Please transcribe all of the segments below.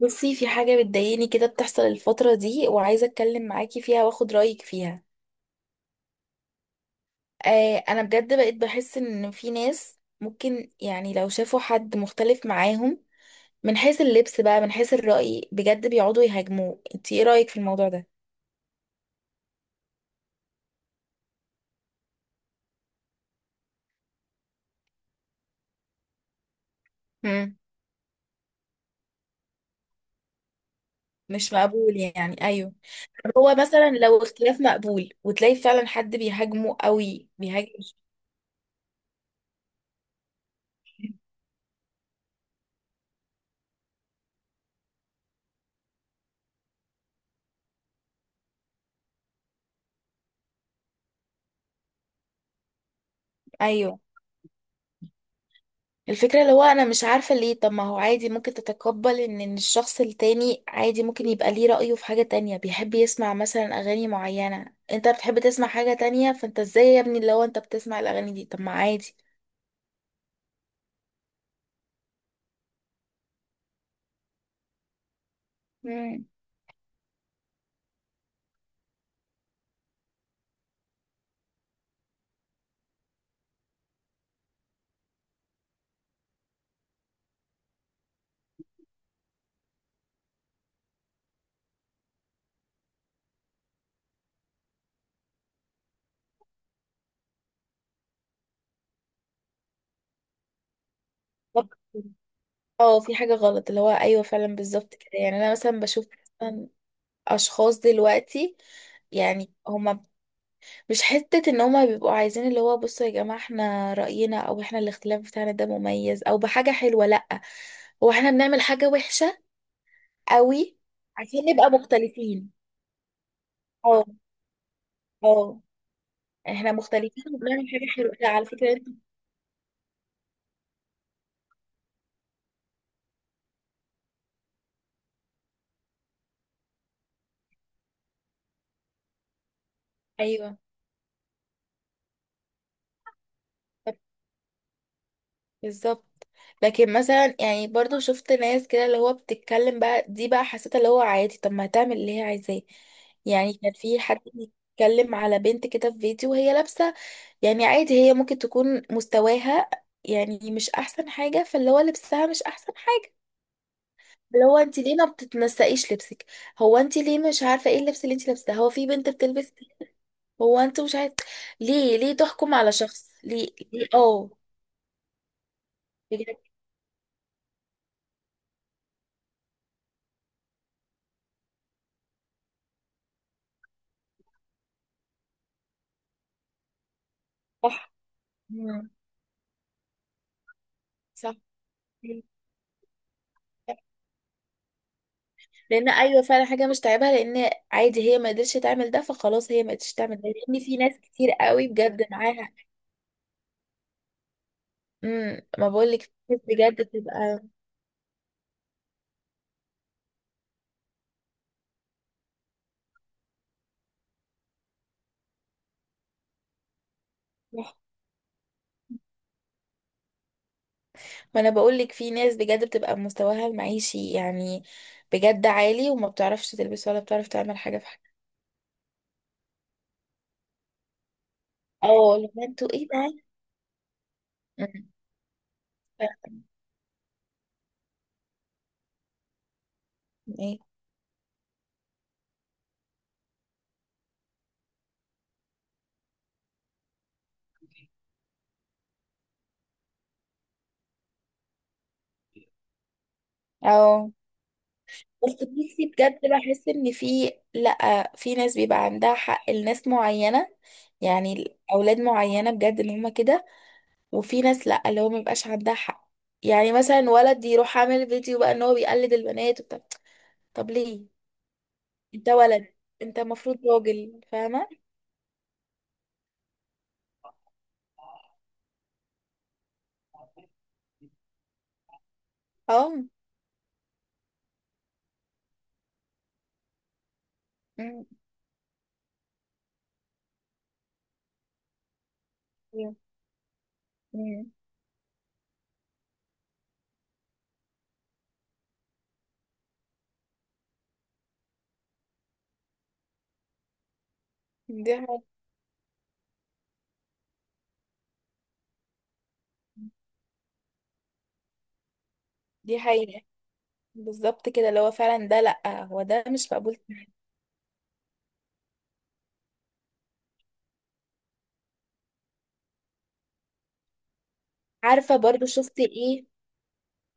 بصي، في حاجة بتضايقني كده بتحصل الفترة دي وعايزة اتكلم معاكي فيها واخد رأيك فيها. آه انا بجد بقيت بحس ان في ناس ممكن يعني لو شافوا حد مختلف معاهم من حيث اللبس بقى، من حيث الرأي، بجد بيقعدوا يهاجموه. انتي ايه رأيك في الموضوع ده؟ مم. مش مقبول يعني، ايوه. هو مثلا لو اختلاف مقبول وتلاقي فعلا حد بيهاجمه قوي بيهاجم. ايوه. الفكرة اللي هو انا مش عارفة ليه، طب ما هو عادي ممكن تتقبل ان إن الشخص التاني عادي ممكن يبقى ليه رأيه في حاجة تانية. بيحب يسمع مثلا اغاني معينة، انت بتحب تسمع حاجة تانية، فانت ازاي يا ابني اللي هو انت بتسمع الاغاني دي؟ طب ما عادي. مم. طب اه، في حاجة غلط اللي هو، ايوه فعلا بالظبط كده. يعني انا مثلا بشوف مثلا اشخاص دلوقتي يعني هما مش حتة ان هما بيبقوا عايزين اللي هو بصوا يا جماعة احنا رأينا، او احنا الاختلاف بتاعنا ده مميز او بحاجة حلوة. لأ، هو احنا بنعمل حاجة وحشة قوي عشان نبقى مختلفين. اه. اه، احنا مختلفين وبنعمل حاجة حلوة لا على فكرة انت. ايوه بالظبط. لكن مثلا يعني برضو شفت ناس كده اللي هو بتتكلم بقى دي، بقى حسيت اللي هو عادي، طب ما هتعمل اللي هي عايزاه. يعني كان في حد بيتكلم على بنت كده في فيديو وهي لابسة. يعني عادي هي ممكن تكون مستواها يعني مش احسن حاجة، فاللي هو لبسها مش احسن حاجة. اللي هو انت ليه ما بتتنسقيش لبسك؟ هو انت ليه مش عارفة ايه اللبس اللي انت لابساه؟ هو في بنت بتلبس. هو انت مش عارف ليه تحكم على شخص، ليه؟ ليه؟ اه. بجد. صح. مم. صح. لان، ايوه فعلا، حاجه مش تعبها، لان عادي هي ما قدرتش تعمل ده، فخلاص هي ما قدرتش تعمل ده. لان في ناس كتير قوي بجد معاها. ما بقول لك في ناس بجد بتبقى، ما انا بقول لك في ناس بجد بتبقى مستواها المعيشي يعني بجد عالي، وما بتعرفش تلبس ولا بتعرف تعمل حاجه في حاجه. اه، لو انتوا ايه ده. أمم. ف- ايه. اه. بس بصي، بجد بحس ان في، لا في ناس بيبقى عندها حق لناس معينه، يعني اولاد معينه بجد ان هم كده. وفي ناس لأ اللي هو مبيبقاش عندها حق. يعني مثلا ولد يروح عامل فيديو بقى ان هو بيقلد البنات وبتاع، طب ليه؟ انت ولد، انت المفروض راجل، فاهمة؟ اه. أمم، أيوة. أمم. دي حاجة. دي حقيقة. بالظبط كده، اللي هو فعلا ده لأ، هو ده مش مقبول. عارفة برضو شفت ايه؟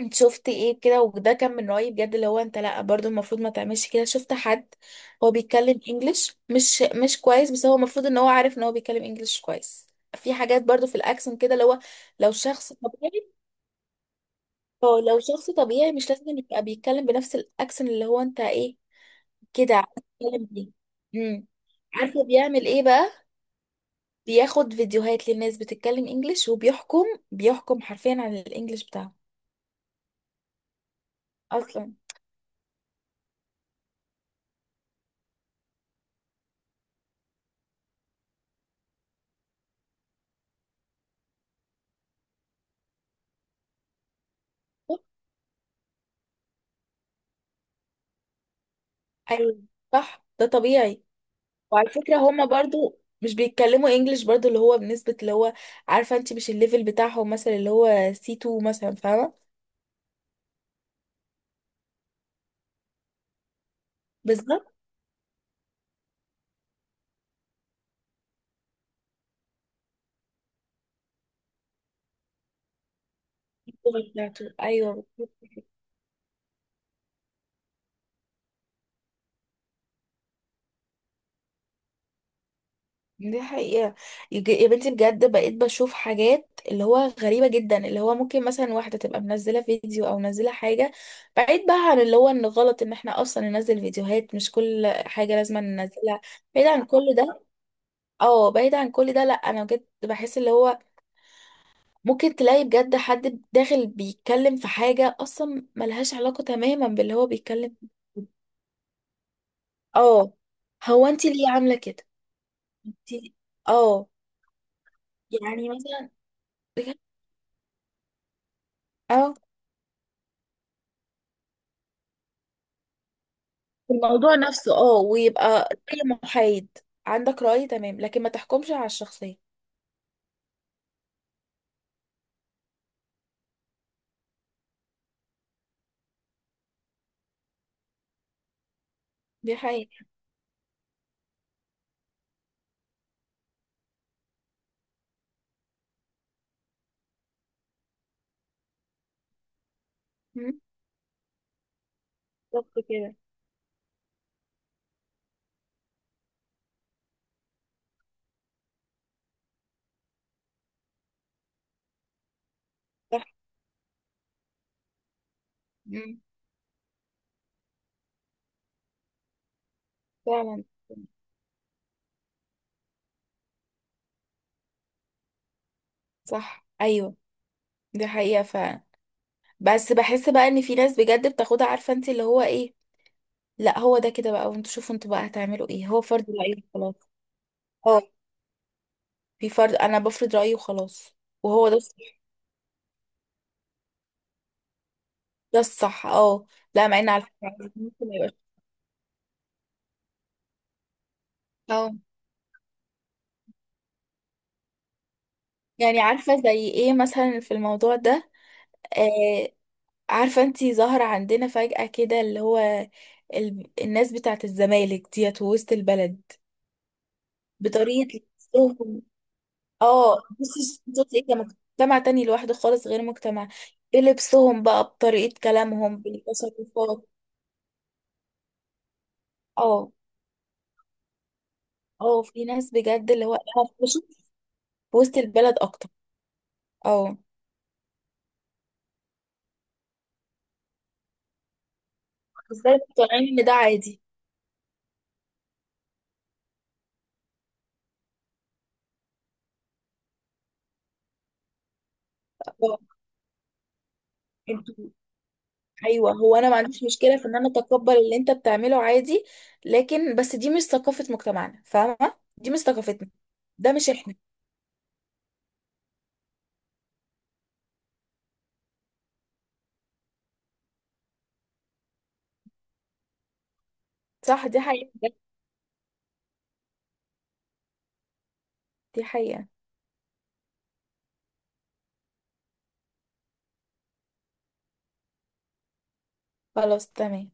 انت شفت ايه كده وده كان من رأيي بجد، اللي هو انت لا برضو المفروض ما تعملش كده. شفت حد هو بيتكلم انجليش مش كويس، بس هو المفروض ان هو عارف ان هو بيتكلم انجليش كويس. في حاجات برضو في الاكسنت كده، اللي هو لو شخص طبيعي، هو لو شخص طبيعي مش لازم يبقى بيتكلم بنفس الاكسنت اللي هو انت ايه كده عايز تتكلم بيه. امم. عارفه بيعمل ايه بقى؟ بياخد فيديوهات للناس بتتكلم انجليش وبيحكم، بيحكم حرفيا عن الانجليش بتاعه. اصلا. ايوه صح، ده طبيعي. وعلى فكرة هما برضو مش بيتكلموا انجليش برضو اللي هو بنسبة اللي هو عارفة انت مش الليفل بتاعهم مثلا، اللي هو سي C2 مثلا، فاهمة؟ بالظبط. اللغة بتاعته، ايوه بالظبط. دي حقيقة. يا بنتي بجد بقيت بشوف حاجات اللي هو غريبة جدا، اللي هو ممكن مثلا واحدة تبقى منزلة فيديو او منزلة حاجة بعيد بقى عن اللي هو ان غلط ان احنا اصلا ننزل فيديوهات، مش كل حاجة لازم ننزلها. بعيد عن كل ده، اه بعيد عن كل ده، لا انا بجد بحس اللي هو ممكن تلاقي بجد حد داخل بيتكلم في حاجة أصلا ملهاش علاقة تماما باللي هو بيتكلم. اه. هو انت ليه عاملة كده؟ انت. اه. يعني مثلا، اه، في الموضوع نفسه، اه، ويبقى زي محايد. عندك رأي، تمام، لكن ما تحكمش على الشخصية. دي حقيقة. مم. بالظبط كده. صح. مم. فعلا. صح، ايوه. دي حقيقة فعلا. بس بحس بقى ان في ناس بجد بتاخدها عارفة انت اللي هو ايه، لا هو ده كده بقى، وانتوا شوفوا انتوا بقى هتعملوا ايه، هو فرض رأيي خلاص. اه. في فرض، انا بفرض رأيي وخلاص. وهو ده الصح. ده الصح، اه. لا مع ان على فكرة يعني ممكن ما يبقاش. اه. يعني عارفة زي ايه مثلا في الموضوع ده. آه. عارفة انتي ظهر عندنا فجأة كده اللي هو الناس بتاعة الزمالك ديت وسط البلد. بطريقة لبسهم. اه، بصي، ايه ده. مجتمع تاني لوحده خالص غير مجتمع. بلبسهم بقى، بطريقة كلامهم، بالتصرفات. اه. اه، في ناس بجد اللي هو هفرشه في وسط البلد اكتر. اه. ازاي مقتنعين ان ده عادي؟ اه، انتوا. ايوه، هو انا ما عنديش مشكله في ان انا اتقبل اللي انت بتعمله عادي، لكن بس دي مش ثقافه مجتمعنا، فاهمه؟ دي مش ثقافتنا، ده مش احنا. صح، دي حقيقه بجد، دي حقيقه. خلاص تمام.